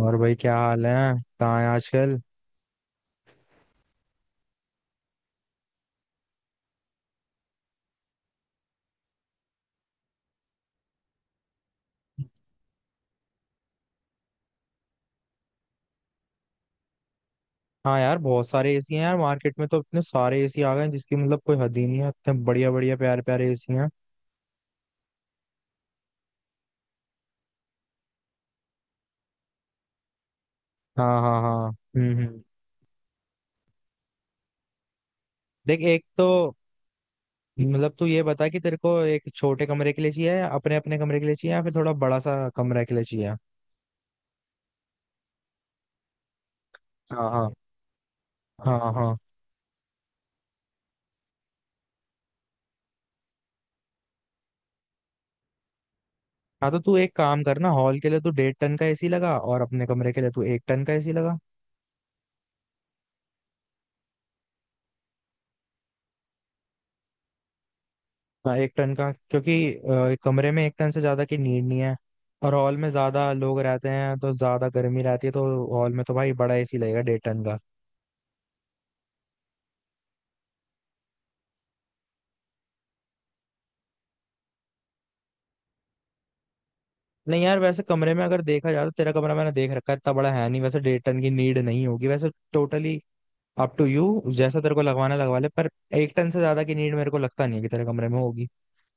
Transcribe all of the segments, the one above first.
और भाई क्या हाल है? कहाँ है आजकल? हाँ यार, बहुत सारे एसी हैं यार। मार्केट में तो इतने सारे एसी आ गए हैं, जिसकी मतलब कोई हद ही नहीं है। इतने बढ़िया बढ़िया प्यारे प्यारे एसी हैं। हाँ, हाँ, हाँ। हम्म, हम्म। देख, एक तो मतलब, तू ये बता कि तेरे को एक छोटे कमरे के लिए चाहिए, या अपने अपने कमरे के लिए चाहिए, या फिर थोड़ा बड़ा सा कमरा के लिए चाहिए। हाँ, हाँ, हाँ, हाँ, हाँ। तो तू एक काम करना, हॉल के लिए तू डेढ़ टन का एसी लगा और अपने कमरे के लिए तू एक टन का एसी लगा। हाँ, एक टन का, क्योंकि कमरे में एक टन से ज्यादा की नीड नहीं है। और हॉल में ज्यादा लोग रहते हैं, तो ज्यादा गर्मी रहती है, तो हॉल में तो भाई बड़ा एसी लगेगा, डेढ़ टन का। नहीं यार, वैसे कमरे में अगर देखा जाए, तो तेरा कमरा मैंने देख रखा है, इतना बड़ा है नहीं वैसे, डेढ़ टन की नीड नहीं होगी वैसे टोटली। अप टू यू, जैसा तेरे को लगवाना लगवा ले, पर एक टन से ज्यादा की नीड मेरे को लगता नहीं है कि तेरे कमरे में होगी।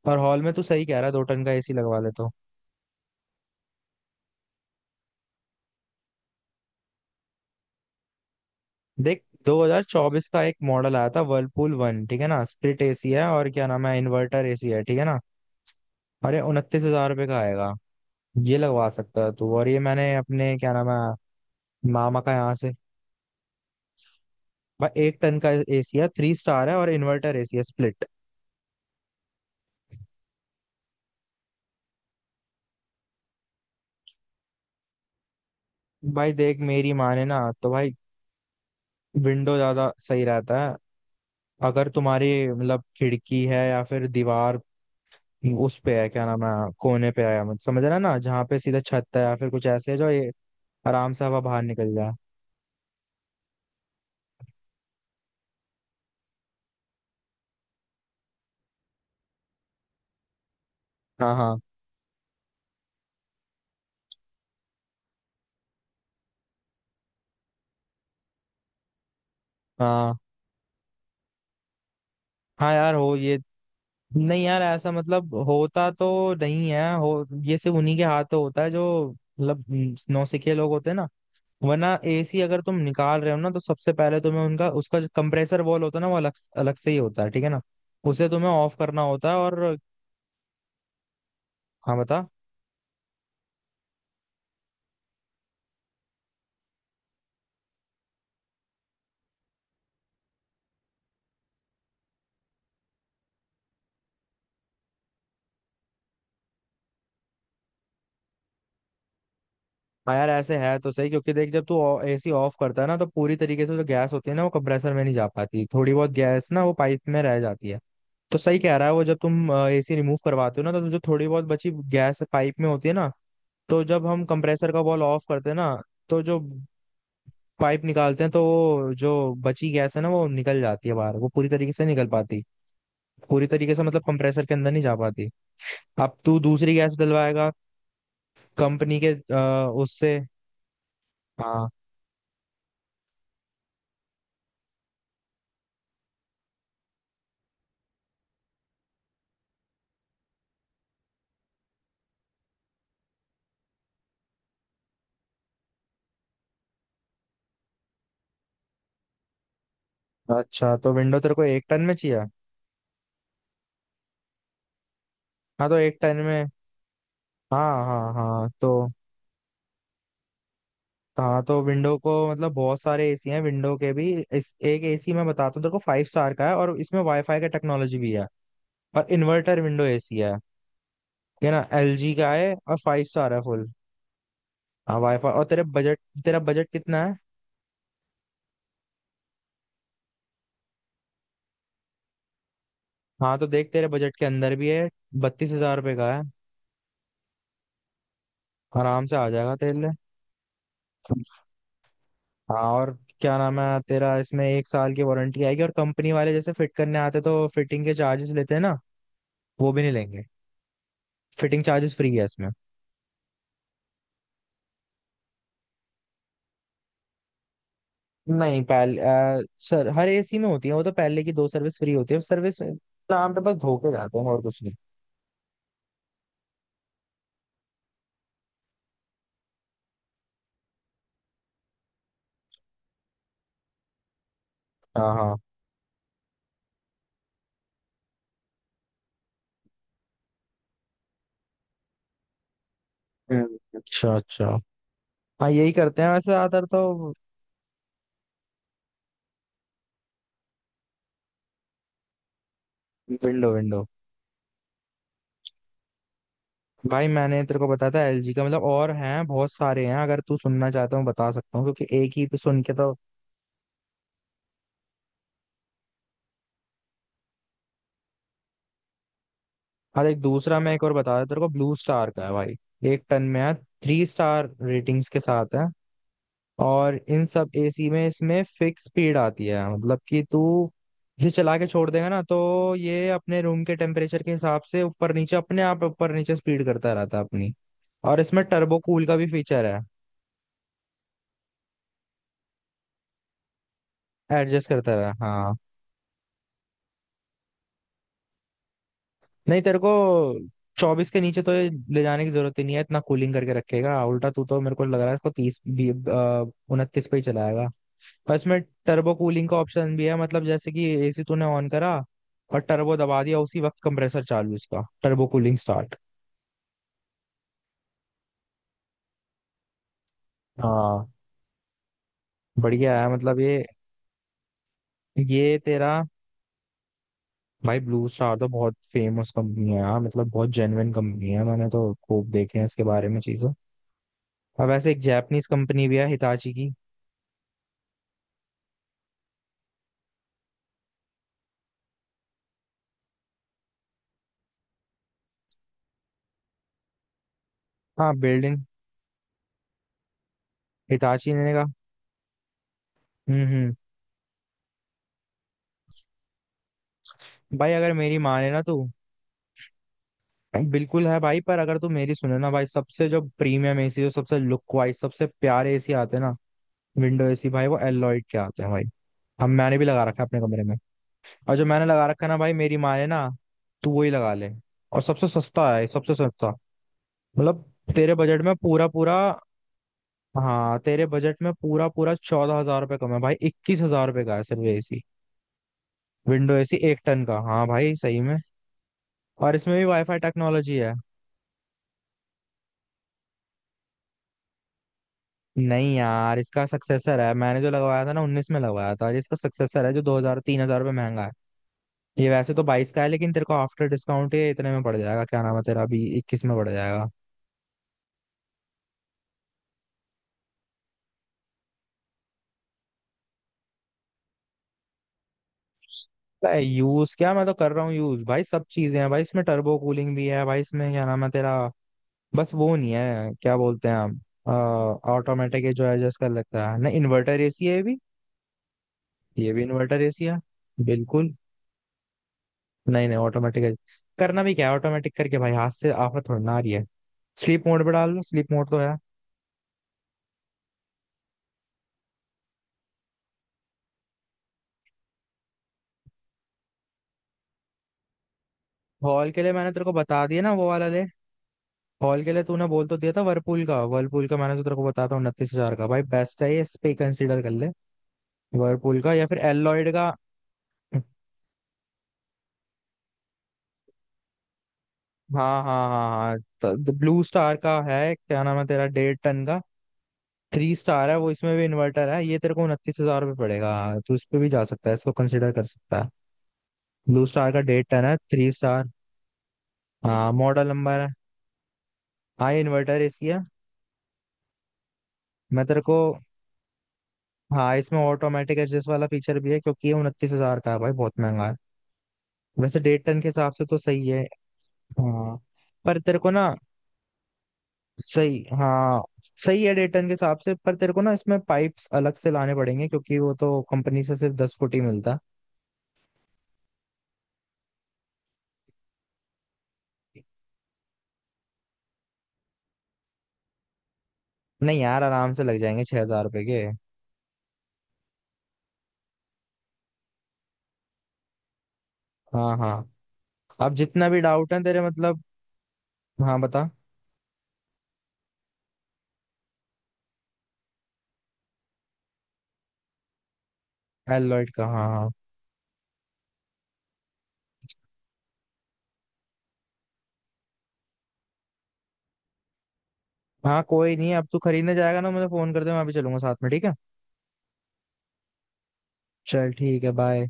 और हॉल में तू सही कह रहा है, दो टन का एसी लगवा ले तो। देख, 2024 का एक मॉडल आया था वर्लपूल वन, ठीक है ना। स्प्लिट एसी है और क्या नाम है, इन्वर्टर एसी है, ठीक है ना। अरे, 29,000 रुपये का आएगा। ये लगवा सकता है तू। और ये मैंने अपने क्या नाम है, मामा का यहाँ से। भाई, एक टन का एसी है, थ्री स्टार है और इन्वर्टर एसी है, स्प्लिट। भाई देख, मेरी माने ना, तो भाई विंडो ज्यादा सही रहता है। अगर तुम्हारी मतलब खिड़की है या फिर दीवार, उस पे है, क्या नाम है, कोने पे है, मतलब समझ रहा है ना, जहाँ पे सीधा छत है, या फिर कुछ ऐसे है जो ये आराम से हवा बाहर निकल जाए। हाँ, हाँ, हाँ। हाँ यार, हो ये, नहीं यार, ऐसा मतलब होता तो नहीं है। हो ये सिर्फ उन्हीं के हाथ तो होता है, जो मतलब, नौसिखिए लोग होते हैं ना। वरना एसी अगर तुम निकाल रहे हो ना, तो सबसे पहले तुम्हें उनका उसका जो कंप्रेसर वॉल होता है ना, वो अलग अलग से ही होता है, ठीक है ना। उसे तुम्हें ऑफ करना होता है, और हाँ, बता। हाँ यार, ऐसे है तो सही, क्योंकि देख, जब तू एसी ऑफ करता है ना, तो पूरी तरीके से जो गैस होती है ना, वो कंप्रेसर में नहीं जा पाती, थोड़ी बहुत गैस ना वो पाइप में रह जाती है। तो सही कह रहा है वो, जब तुम एसी रिमूव करवाते हो ना, तो जो थोड़ी बहुत बची गैस पाइप में होती है ना, तो जब हम कंप्रेसर का बॉल ऑफ करते हैं ना, तो जो पाइप निकालते हैं, तो वो जो बची गैस है ना, वो निकल जाती है बाहर, वो पूरी तरीके से निकल पाती, पूरी तरीके से मतलब कंप्रेसर के अंदर नहीं जा पाती। अब तू दूसरी गैस डलवाएगा कंपनी के उससे। हाँ, अच्छा, तो विंडो तेरे को एक टन में चाहिए। हाँ, तो एक टन में। हाँ, हाँ, हाँ, तो, हाँ, तो विंडो को मतलब बहुत सारे एसी हैं विंडो के भी। इस एक एसी मैं बताता हूँ तेरे को, फाइव स्टार का है और इसमें वाईफाई का टेक्नोलॉजी भी है, और इन्वर्टर विंडो एसी है। ये ना एलजी का है, और फाइव स्टार है फुल। हाँ, वाईफाई। और तेरे बजट, तेरा बजट कितना है? हाँ, तो देख, तेरे बजट के अंदर भी है, 32,000 रुपये का है। आराम से आ जाएगा तेरे लिए। हाँ, और क्या नाम है तेरा, इसमें एक साल की वारंटी आएगी, और कंपनी वाले जैसे फिट करने आते तो फिटिंग के चार्जेस लेते हैं ना, वो भी नहीं लेंगे। फिटिंग चार्जेस फ्री है इसमें। नहीं, पहले सर, हर एसी में होती है, वो तो पहले की दो सर्विस फ्री होती है। सर्विस नाम पे बस धोखे जाते हैं और कुछ नहीं। हाँ, हाँ, अच्छा, अच्छा। हाँ, यही करते हैं वैसे ज्यादातर तो। विंडो, विंडो, भाई मैंने तेरे को बताया था एलजी का, मतलब और हैं बहुत सारे हैं। अगर तू सुनना चाहता हूँ, बता सकता हूँ, क्योंकि एक ही पे सुन के तो। हाँ, एक दूसरा मैं एक और बता देता तेरे को, ब्लू स्टार का है भाई, एक टन में है, थ्री स्टार रेटिंग्स के साथ है। और इन सब एसी में, इसमें फिक्स स्पीड आती है, मतलब कि तू इसे चला के छोड़ देगा ना, तो ये अपने रूम के टेम्परेचर के हिसाब से ऊपर नीचे अपने आप ऊपर नीचे स्पीड करता रहता है अपनी। और इसमें टर्बो कूल का भी फीचर है। एडजस्ट करता रहा, हाँ। नहीं, तेरे को चौबीस के नीचे तो ये ले जाने की जरूरत ही नहीं है, इतना कूलिंग करके रखेगा। उल्टा तू तो मेरे को लग रहा है इसको तीस भी, उनतीस पे ही चलाएगा। और इसमें टर्बो कूलिंग का ऑप्शन भी है, मतलब जैसे कि एसी तूने ऑन करा और टर्बो दबा दिया, उसी वक्त कंप्रेसर चालू, इसका टर्बो कूलिंग स्टार्ट। हाँ, बढ़िया है, मतलब ये तेरा, भाई ब्लू स्टार तो बहुत फेमस कंपनी है यार। मतलब बहुत जेन्युइन कंपनी है, मैंने तो खूब देखे हैं इसके बारे में चीजें। अब वैसे एक जापानीज कंपनी भी है, हिताची की। हाँ, बिल्ड इन, हिताची ने कहा। हम्म, हम्म। भाई अगर मेरी माने ना, तू बिल्कुल है भाई, पर अगर तू मेरी सुने ना भाई, सबसे जो प्रीमियम एसी, जो सबसे लुक वाइज सबसे प्यारे एसी आते हैं ना विंडो एसी, भाई वो एलॉयड के आते हैं भाई। हम, मैंने भी लगा रखा है अपने कमरे में। और जो मैंने लगा रखा है ना भाई, मेरी माने ना, तू वही लगा ले। और सबसे सस्ता है, सबसे सस्ता, मतलब तेरे बजट में पूरा पूरा। हाँ, तेरे बजट में पूरा पूरा, 14,000 रुपये कम है भाई, 21,000 रुपये का है सिर्फ एसी। विंडो एसी एक टन का, हाँ भाई सही में। और इसमें भी वाईफाई टेक्नोलॉजी है। नहीं यार, इसका सक्सेसर है, मैंने जो लगवाया था ना, उन्नीस में लगवाया था, और इसका सक्सेसर है जो दो हजार तीन हजार रुपये महंगा है। ये वैसे तो बाईस का है, लेकिन तेरे को आफ्टर डिस्काउंट ये इतने में पड़ जाएगा, क्या नाम है तेरा, अभी इक्कीस में पड़ जाएगा। यूज क्या, मैं तो कर रहा हूँ यूज भाई, सब चीजें हैं भाई इसमें, टर्बो कूलिंग भी है भाई, इसमें क्या नाम है तेरा, बस वो नहीं है, क्या बोलते हैं हम, ऑटोमेटिक जो एडजस्ट कर लगता है ना, इन्वर्टर एसी है ये भी। ये भी इन्वर्टर एसी है, बिल्कुल। नहीं नहीं, ऑटोमेटिक, करना भी क्या है ऑटोमेटिक करके भाई, हाथ से आफत थोड़ी ना आ रही है। स्लीप मोड पे डाल दो, स्लीप मोड तो है। हॉल के लिए मैंने तेरे को बता दिया ना, वो वाला ले। हॉल के लिए तूने बोल तो दिया था वर्लपूल का, वर्लपूल का मैंने तो तेरे को बताया था, 29,000 का भाई, बेस्ट है ये, इस पे कंसीडर कर ले। वर्लपूल का या फिर एलॉयड का। हाँ, हाँ, हाँ, हाँ। ब्लू स्टार का है, क्या नाम है तेरा, डेढ़ टन का, थ्री स्टार है वो, इसमें भी इन्वर्टर है, ये तेरे को 29,000 रुपये पड़ेगा। तो इस पे भी जा सकता है, इसको कंसिडर कर सकता है। ब्लू स्टार का, डेढ़ टन है, थ्री स्टार। हाँ, मॉडल नंबर है। हाँ, इन्वर्टर इसकी है। मैं तेरे को, हाँ, इसमें ऑटोमेटिक एडजस्ट वाला फीचर भी है, क्योंकि ये 29,000 का है भाई, बहुत महंगा है। वैसे डेढ़ टन के हिसाब से तो सही है। हाँ, पर तेरे को ना, सही, हाँ, सही है डेढ़ टन के हिसाब से। पर तेरे को ना इसमें पाइप्स अलग से लाने पड़ेंगे, क्योंकि वो तो कंपनी से सिर्फ 10 फुट ही मिलता। नहीं यार, आराम से लग जाएंगे 6,000 रुपए के। हाँ, हाँ। अब जितना भी डाउट है तेरे मतलब, हाँ, बता। एलॉयड का। हाँ, हाँ। हाँ कोई नहीं, अब तू खरीदने जाएगा ना, मुझे फोन कर दे, मैं अभी चलूंगा साथ में, ठीक है। चल, ठीक है, बाय।